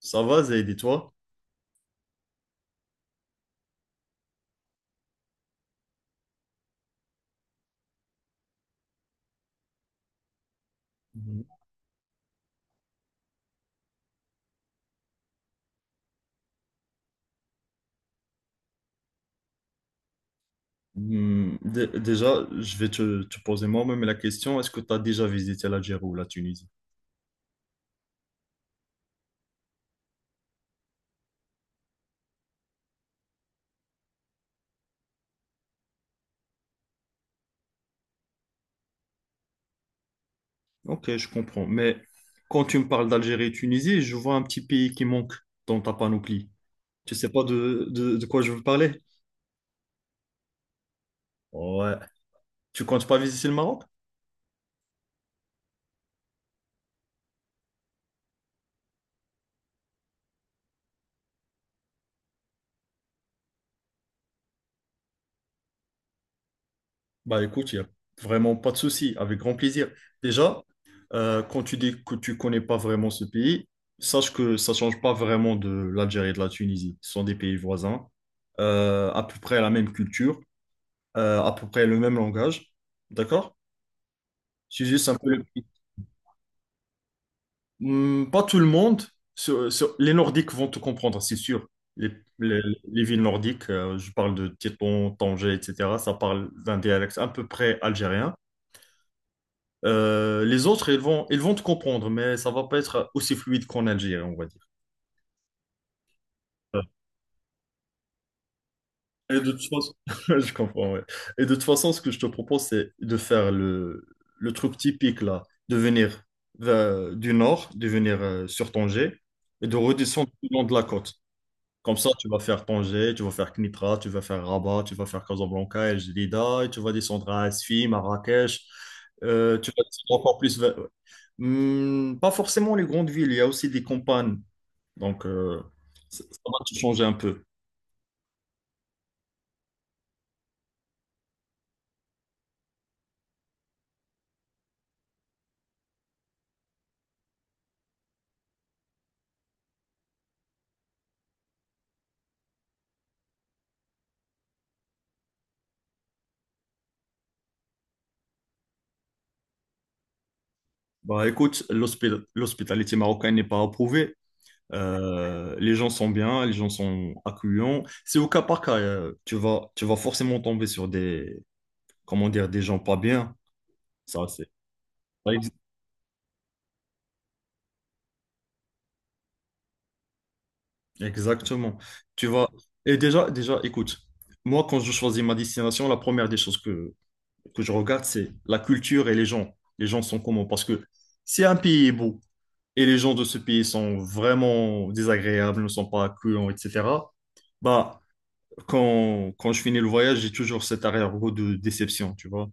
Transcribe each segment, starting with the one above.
Ça va, Zaid, et toi? Mhm. Déjà, je vais te poser moi-même la question, est-ce que tu as déjà visité l'Algérie ou la Tunisie? Ok, je comprends. Mais quand tu me parles d'Algérie et Tunisie, je vois un petit pays qui manque dans ta panoplie. Tu sais pas de quoi je veux parler? Ouais. Tu comptes pas visiter le Maroc? Bah écoute, il n'y a vraiment pas de souci, avec grand plaisir. Déjà, quand tu dis que tu connais pas vraiment ce pays, sache que ça change pas vraiment de l'Algérie et de la Tunisie. Ce sont des pays voisins, à peu près la même culture, à peu près le même langage. D'accord? C'est juste un peu le… Hmm. Pas tout le monde. Les Nordiques vont te comprendre, c'est sûr. Les, les- les villes nordiques, je parle de Tétouan, Tanger, etc. Ça parle d'un dialecte à peu près algérien. Les autres, ils vont te comprendre, mais ça va pas être aussi fluide qu'en Algérie, on va dire. Et de toute façon, je comprends, ouais. Et de toute façon, ce que je te propose, c'est de faire le truc typique, là, de venir du nord, de venir sur Tanger et de redescendre le long de la côte. Comme ça, tu vas faire Tanger, tu vas faire Knitra, tu vas faire Rabat, tu vas faire Casablanca, El Jadida, et tu vas descendre à Asfi, Marrakech. Tu vas descendre encore plus vers… Hmm, pas forcément les grandes villes, il y a aussi des campagnes. Donc, ça va te changer un peu. Bah, écoute, l'hospitalité marocaine n'est pas approuvée. Les gens sont bien, les gens sont accueillants. C'est au cas par cas. Tu vas, tu vas forcément tomber sur des, comment dire, des gens pas bien. Ça, c'est… Exactement. Tu vas… Et déjà, écoute, moi, quand je choisis ma destination, la première des choses que je regarde, c'est la culture et les gens. Les gens sont comment? Parce que si un pays est beau et les gens de ce pays sont vraiment désagréables, ne sont pas accueillants, etc., bah, quand je finis le voyage, j'ai toujours cet arrière-goût de déception, tu vois.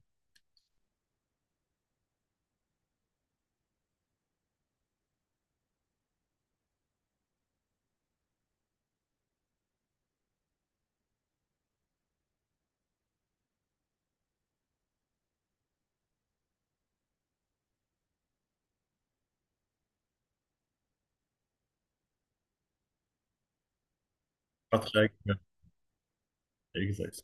Pas très agréable. Exact.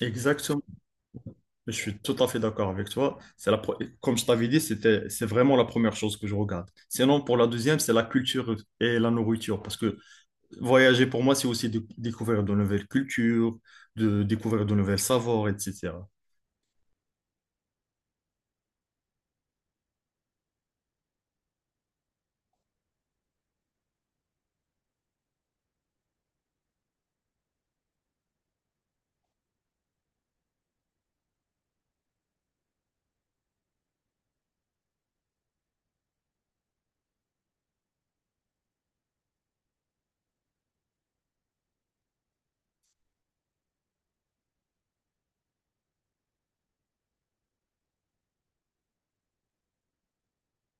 Exactement. Je suis tout à fait d'accord avec toi. Comme je t'avais dit, c'est vraiment la première chose que je regarde. Sinon, pour la deuxième, c'est la culture et la nourriture. Parce que voyager, pour moi, c'est aussi découvrir de nouvelles cultures, de découvrir de nouvelles savoirs, etc.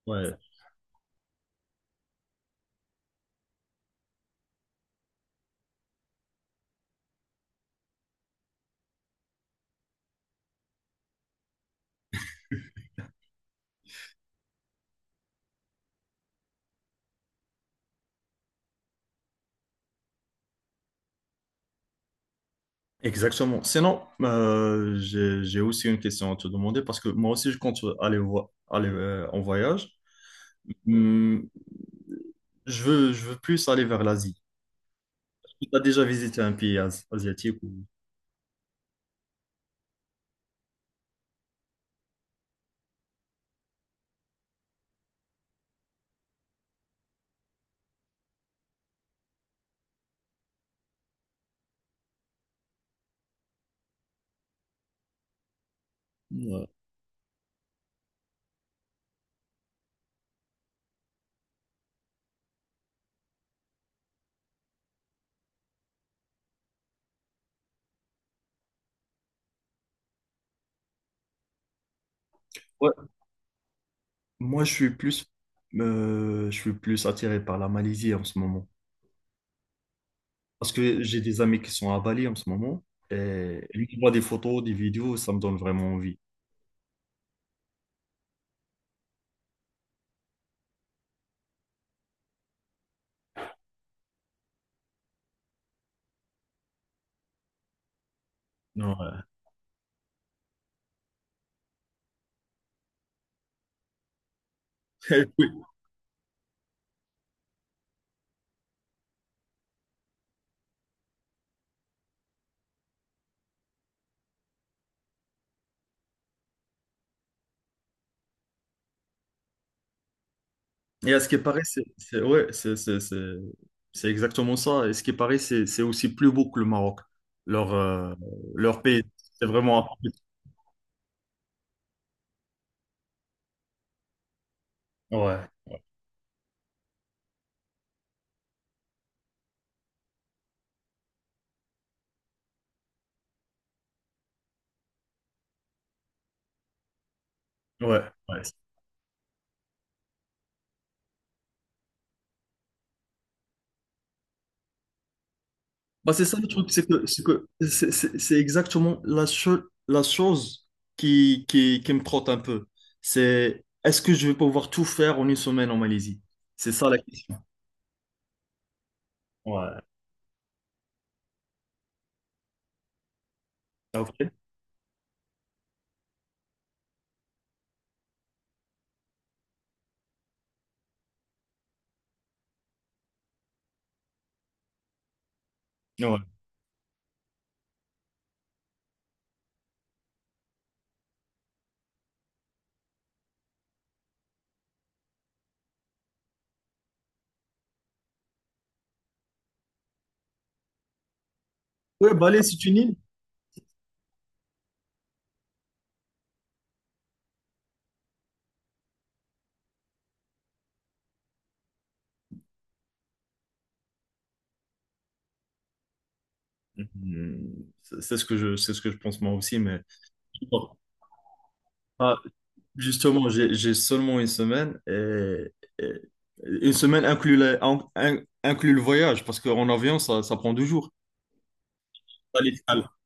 Ouais, exactement. Sinon, j'ai aussi une question à te demander parce que moi aussi, je compte aller en voyage. Hum, je veux plus aller vers l'Asie. Tu as déjà visité un pays asiatique ou… Ouais. Moi, je suis plus attiré par la Malaisie en ce moment. Parce que j'ai des amis qui sont à Bali en ce moment. Et lui qui voit des photos, des vidéos, ça me donne vraiment envie. Non, oui. Et à ce qui paraît, c'est exactement ça. Et ce qui paraît, c'est aussi plus beau que le Maroc. Leur, euh, leur pays, c'est vraiment… un- Ouais, ouais, ouais. Bah, c'est ça le truc, c'est que c'est que c'est exactement la chose qui me trotte un peu. C'est est-ce que je vais pouvoir tout faire en une semaine en Malaisie? C'est ça la question. Ouais. Ah, ok. Ouais. Ouais, Bali, c'est une île. Hmm. C'est c'est ce que je pense moi aussi, mais… Bon, bah, justement, j'ai seulement une semaine et une semaine inclut, la- in- in- inclut le voyage parce qu'en avion, ça prend deux jours. Pas les… Ouais,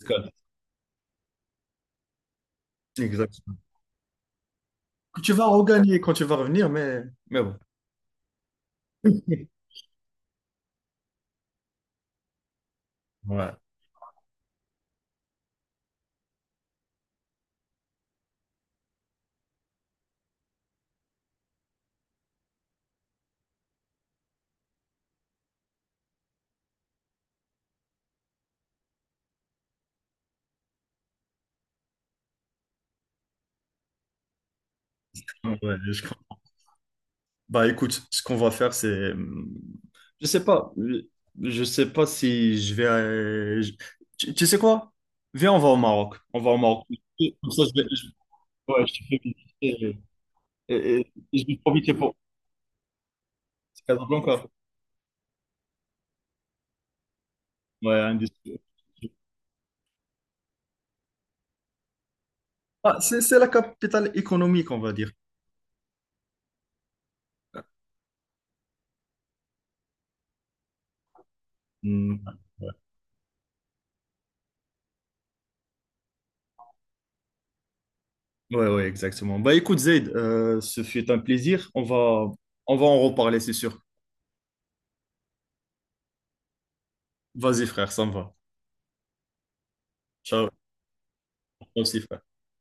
escale. Exact. Que tu vas regagner quand tu vas revenir, mais bon. Ouais. Ouais, je crois. Bah écoute, ce qu'on va faire, c'est… je sais pas. Je sais pas si je vais… tu sais quoi? Viens, on va au Maroc. On va au Maroc. Comme ça, je vais… je- Ouais, je te fais visiter. Et je vais profiter pour… C'est Casablanca. Ouais, un des- Ah, c'est la capitale économique, on va dire. Hmm. Ouais, exactement. Bah écoute, Zaid, ce fut un plaisir. On va en reparler, c'est sûr. Vas-y, frère, ça me va. Ciao. Toi aussi, frère.